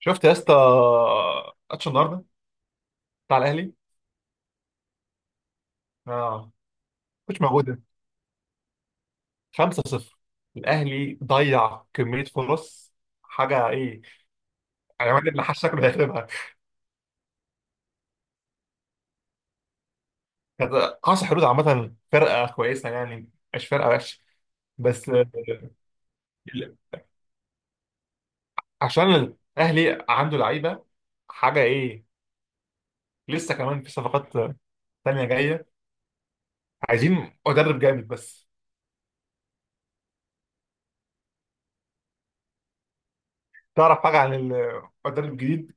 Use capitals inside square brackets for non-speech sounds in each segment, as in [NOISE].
شفت يا اسطى ماتش النهارده بتاع الاهلي؟ اه. مش موجوده. 5-0. الاهلي ضيع كميه فرص، حاجه ايه. يعني الواد اللي حش شكله هيخربها. كانت قاصح حدود عامه، فرقه كويسه يعني، مش فرقه وحشه. بس ال- عشان الاهلي عنده لعيبه، حاجه ايه. لسه كمان في صفقات تانية جايه. عايزين مدرب جامد بس. تعرف حاجه عن المدرب الجديد؟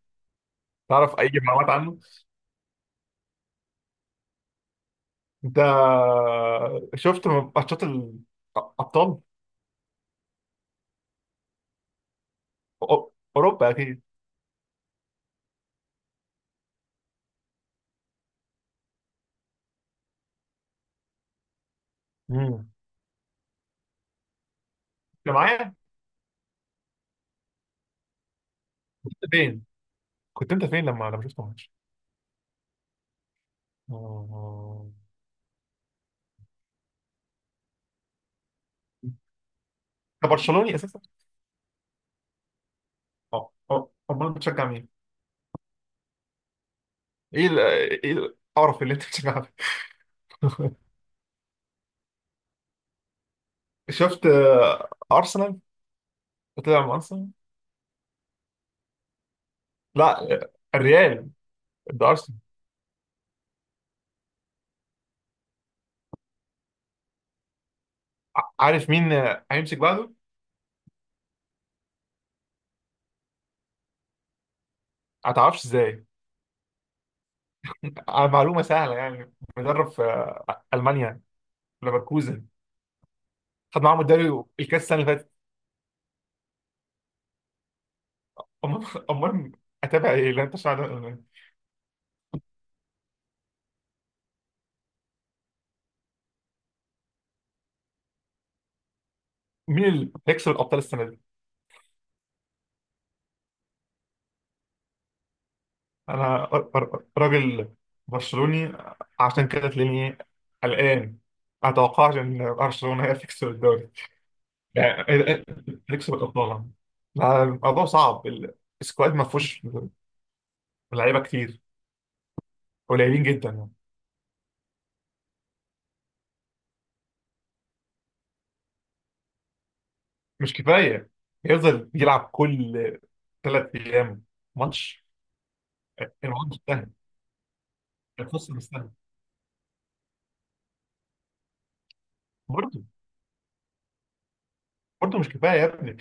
تعرف اي معلومات عنه؟ انت شفت ماتشات الابطال؟ أو- اوروبا اكيد. مم. انت معايا؟ كنت فين؟ كنت انت فين لما شفت الماتش؟ آه. انت برشلوني اساسا؟ اه اه. امال بتشجع مين؟ ايه ايه القرف اللي انت بتشجعه ده؟ [LAUGHS] شفت ارسنال. طلع مع ارسنال. لا الريال. ده ارسنال. عارف مين هيمسك بعده؟ ما تعرفش ازاي؟ على معلومه سهله يعني. مدرب في المانيا، ليفركوزن. خد معاهم الدوري الكاس السنه اللي فاتت. امال [LAUGHS] امال اتابع ايه؟ لا انت مين اللي هيكسب الابطال السنه دي؟ انا راجل برشلوني، عشان كده تلاقيني قلقان. اتوقعش ان برشلونه هي تكسب الدوري. يعني إيه تكسب الابطال؟ لا، الموضوع صعب. السكواد ما فيهوش لعيبه كتير، قليلين جدا يعني. مش كفايه. يفضل يلعب كل 3 ايام ماتش. الماتش مستاهل، الخصم مستاهل. برضه مش كفايه يا ابني.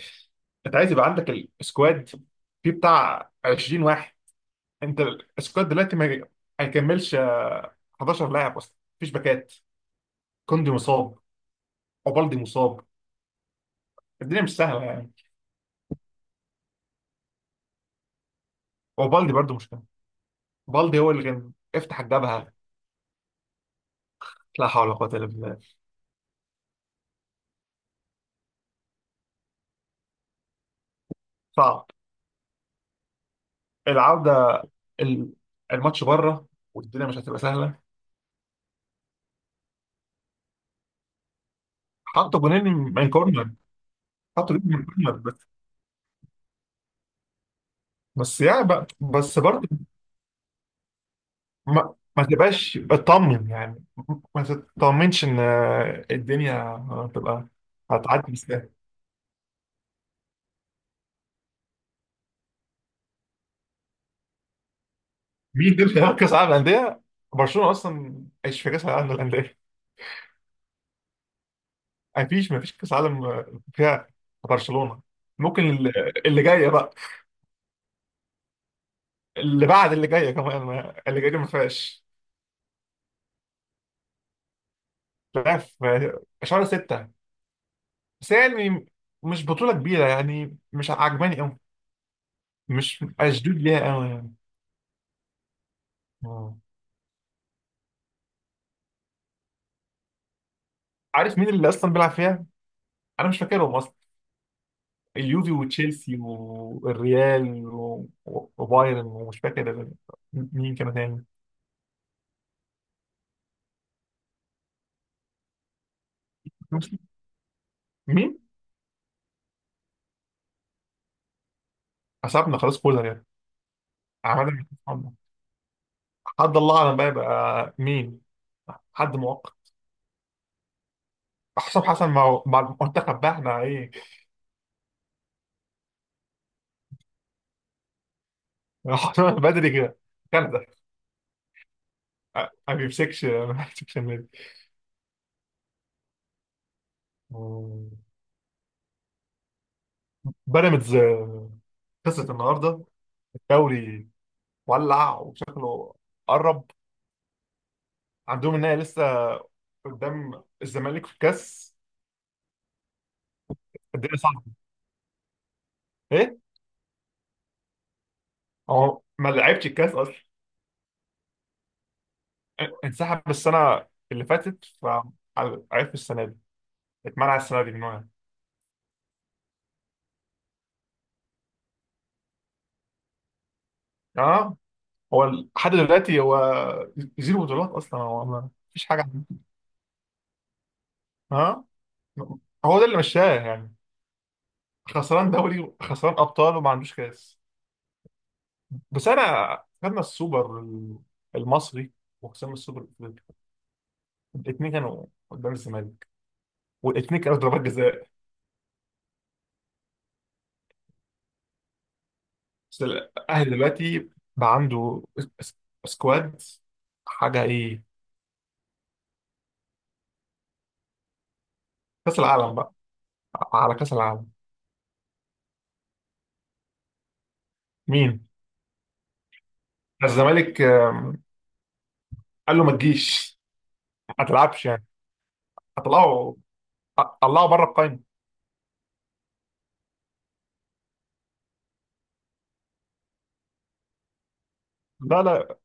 انت عايز يبقى عندك السكواد فيه بتاع 20 واحد. انت السكواد دلوقتي ما هيكملش 11 لاعب اصلا. مفيش باكات، كوندي مصاب وبالدي مصاب. الدنيا مش سهله يعني. وبالدي برضه مش كده، بالدي هو اللي كان افتح الجبهه. لا حول ولا قوه الا بالله. صعب. العوده ال- الماتش بره، والدنيا مش هتبقى سهله. حطوا جونين من كورنر، حطوا جونين من كورنر بس. بس يعني بقى بس. ما تبقاش اطمن يعني، ما تطمنش ان الدنيا هتبقى، هتعدي بسهوله. مين دول في كاس العالم للانديه؟ برشلونه اصلا مش في كاس العالم للانديه. مفيش كاس عالم فيها برشلونه. ممكن اللي جايه بقى. اللي بعد اللي جايه كمان اللي جايه دي ما فيهاش. لا، في شهر 6. بس هي يعني مش بطوله كبيره يعني، مش عجباني قوي، مش اشدود ليها قوي يعني. آه. عارف مين اللي اصلا بيلعب فيها؟ انا مش فاكرهم اصلا. اليوفي وتشيلسي والريال وبايرن، ومش فاكر مين كان تاني. مين؟ حسبنا خلاص كولر يعني. عملنا حسبنا. حد الله اعلم بقى يبقى مين، حد مؤقت. حسام حسن مع المنتخب بقى، احنا ايه. [LAUGHS] حسام بدري كده، كندا. أ- ما بيمسكش النادي. مم. بيراميدز خسرت النهارده الدوري. ولع وشكله قرب. عندهم النهائي لسه قدام الزمالك في الكاس. الدنيا صعبه، ايه. هو ما لعبش الكاس اصلا. انسحب السنه اللي فاتت، فعرف السنه دي اتمنع السنه دي من هنا. اه. هو لحد دلوقتي هو زيرو بطولات اصلا، هو ما فيش حاجه عنده. اه، هو ده اللي مشاه يعني. خسران دوري، خسران ابطال، وما عندوش كاس. بس انا خدنا السوبر المصري وخسرنا السوبر الافريقي، الاثنين كانوا قدام الزمالك، والاثنين كانوا ضربات جزاء. بس الأهلي دلوقتي بقى عنده اس- سكواد، حاجة إيه. كأس العالم بقى، على كأس العالم. مين؟ الزمالك قال له ما تجيش، ما تلعبش يعني. هطلعه، طلعه بره القايمة. لا لا.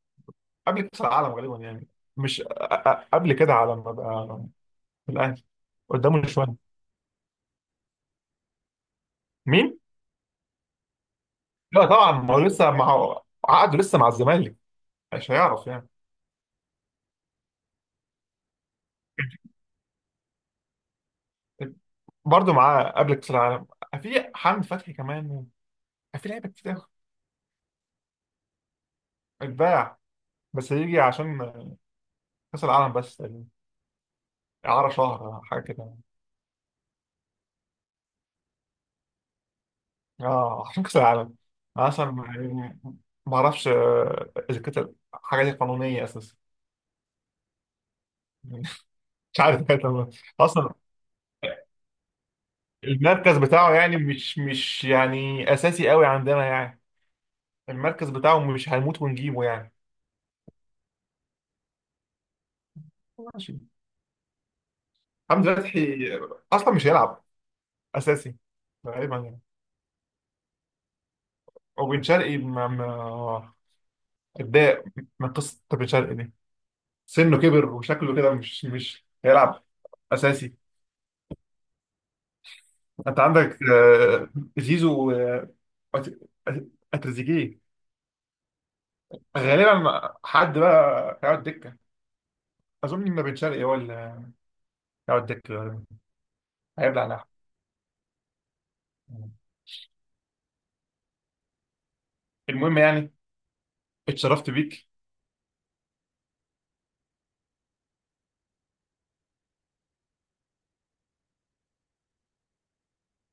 قبل كأس العالم غالبا يعني. مش أ- قبل كده على ما بقى في الأهلي. قدامه شوية. مين؟ لا طبعا، ما هو لسه مع عقده لسه مع الزمالك، مش هيعرف يعني. برضه معاه قبل كأس العالم. في حمد فتحي كمان. في لعيبه كتير. اتباع بس هيجي عشان كأس العالم بس تقريبا. إعارة شهر حاجة كده. اه عشان كأس العالم. أنا أصلا يعني ما أعرفش إذا كانت الحاجة دي قانونية أساسا. [LAUGHS] مش عارف كانت ولا لا. أصلا المركز بتاعه يعني مش يعني أساسي قوي عندنا يعني. المركز بتاعه مش هنموت ونجيبه يعني. ماشي. حمدي فتحي أصلا مش هيلعب أساسي تقريبا يعني. وبن شرقي اتضايق من قصة بن شرقي دي. سنه كبر وشكله كده مش هيلعب اساسي. انت عندك زيزو أت- اتريزيجيه، غالبا حد بقى هيقعد دكه. اظن ان بن شرقي هو اللي هيقعد دكه غالبا. هيبلع لحم. المهم يعني، اتشرفت بيك.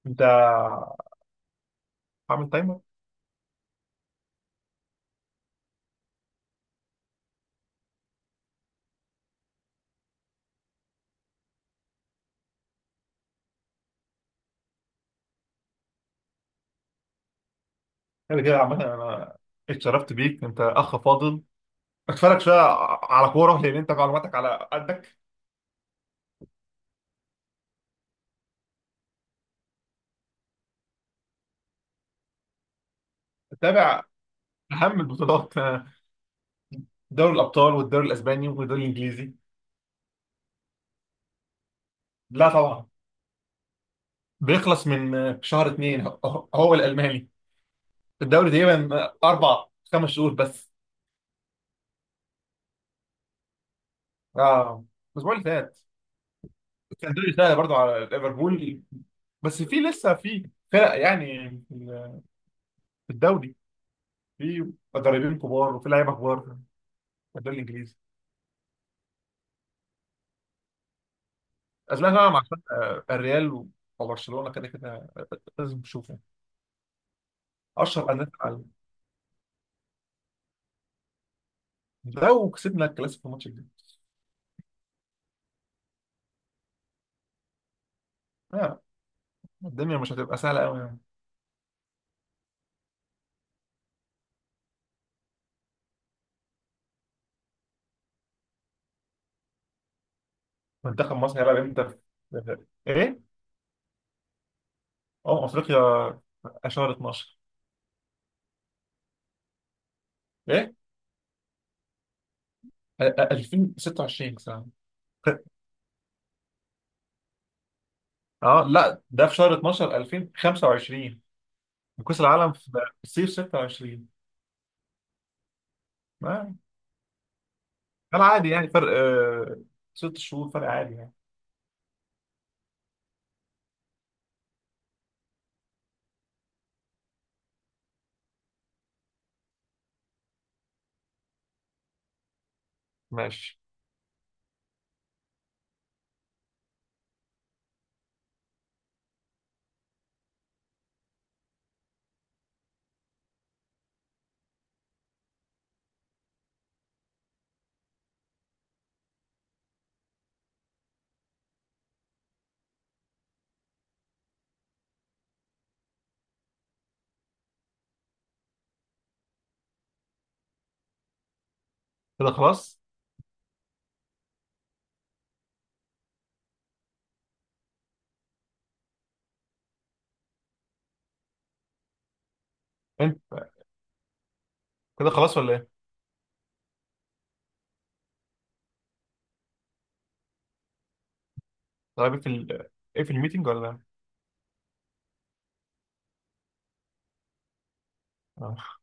انت عامل تايمر؟ كده كده عامه انا اتشرفت بيك، انت اخ فاضل. اتفرج شويه على كوره لان انت معلوماتك على قدك. تابع اهم البطولات، دوري الابطال والدوري الاسباني والدوري الانجليزي. لا طبعا. بيخلص من شهر 2 هو الالماني، الدوري تقريبا اربع خمس شهور بس. اه، الاسبوع اللي فات. كان دوري سهل برضو على ليفربول بس في لسه في فرق يعني في الدوري. في مدربين كبار وفي لعيبه كبار في الدوري الانجليزي. ازمه طبعا مع فرق، الريال وبرشلونه، كده كده لازم تشوفه. اشهر انديه في العالم. لو كسبنا الكلاسيكو الماتش الجاي، آه، الدنيا مش هتبقى سهله قوي يعني. منتخب مصر هيلعب امتى ايه؟ اه افريقيا 10 12. ايه 2026 مثلا. اه لا، ده في شهر 12 2025. وكأس العالم في الصيف 26. ما كان عادي يعني، فرق 6 شهور، فرق عادي يعني. ماشي. كده خلاص. انت كده خلاص ولا ايه؟ طيب في ايه في الميتنج ولا إيه؟ آه.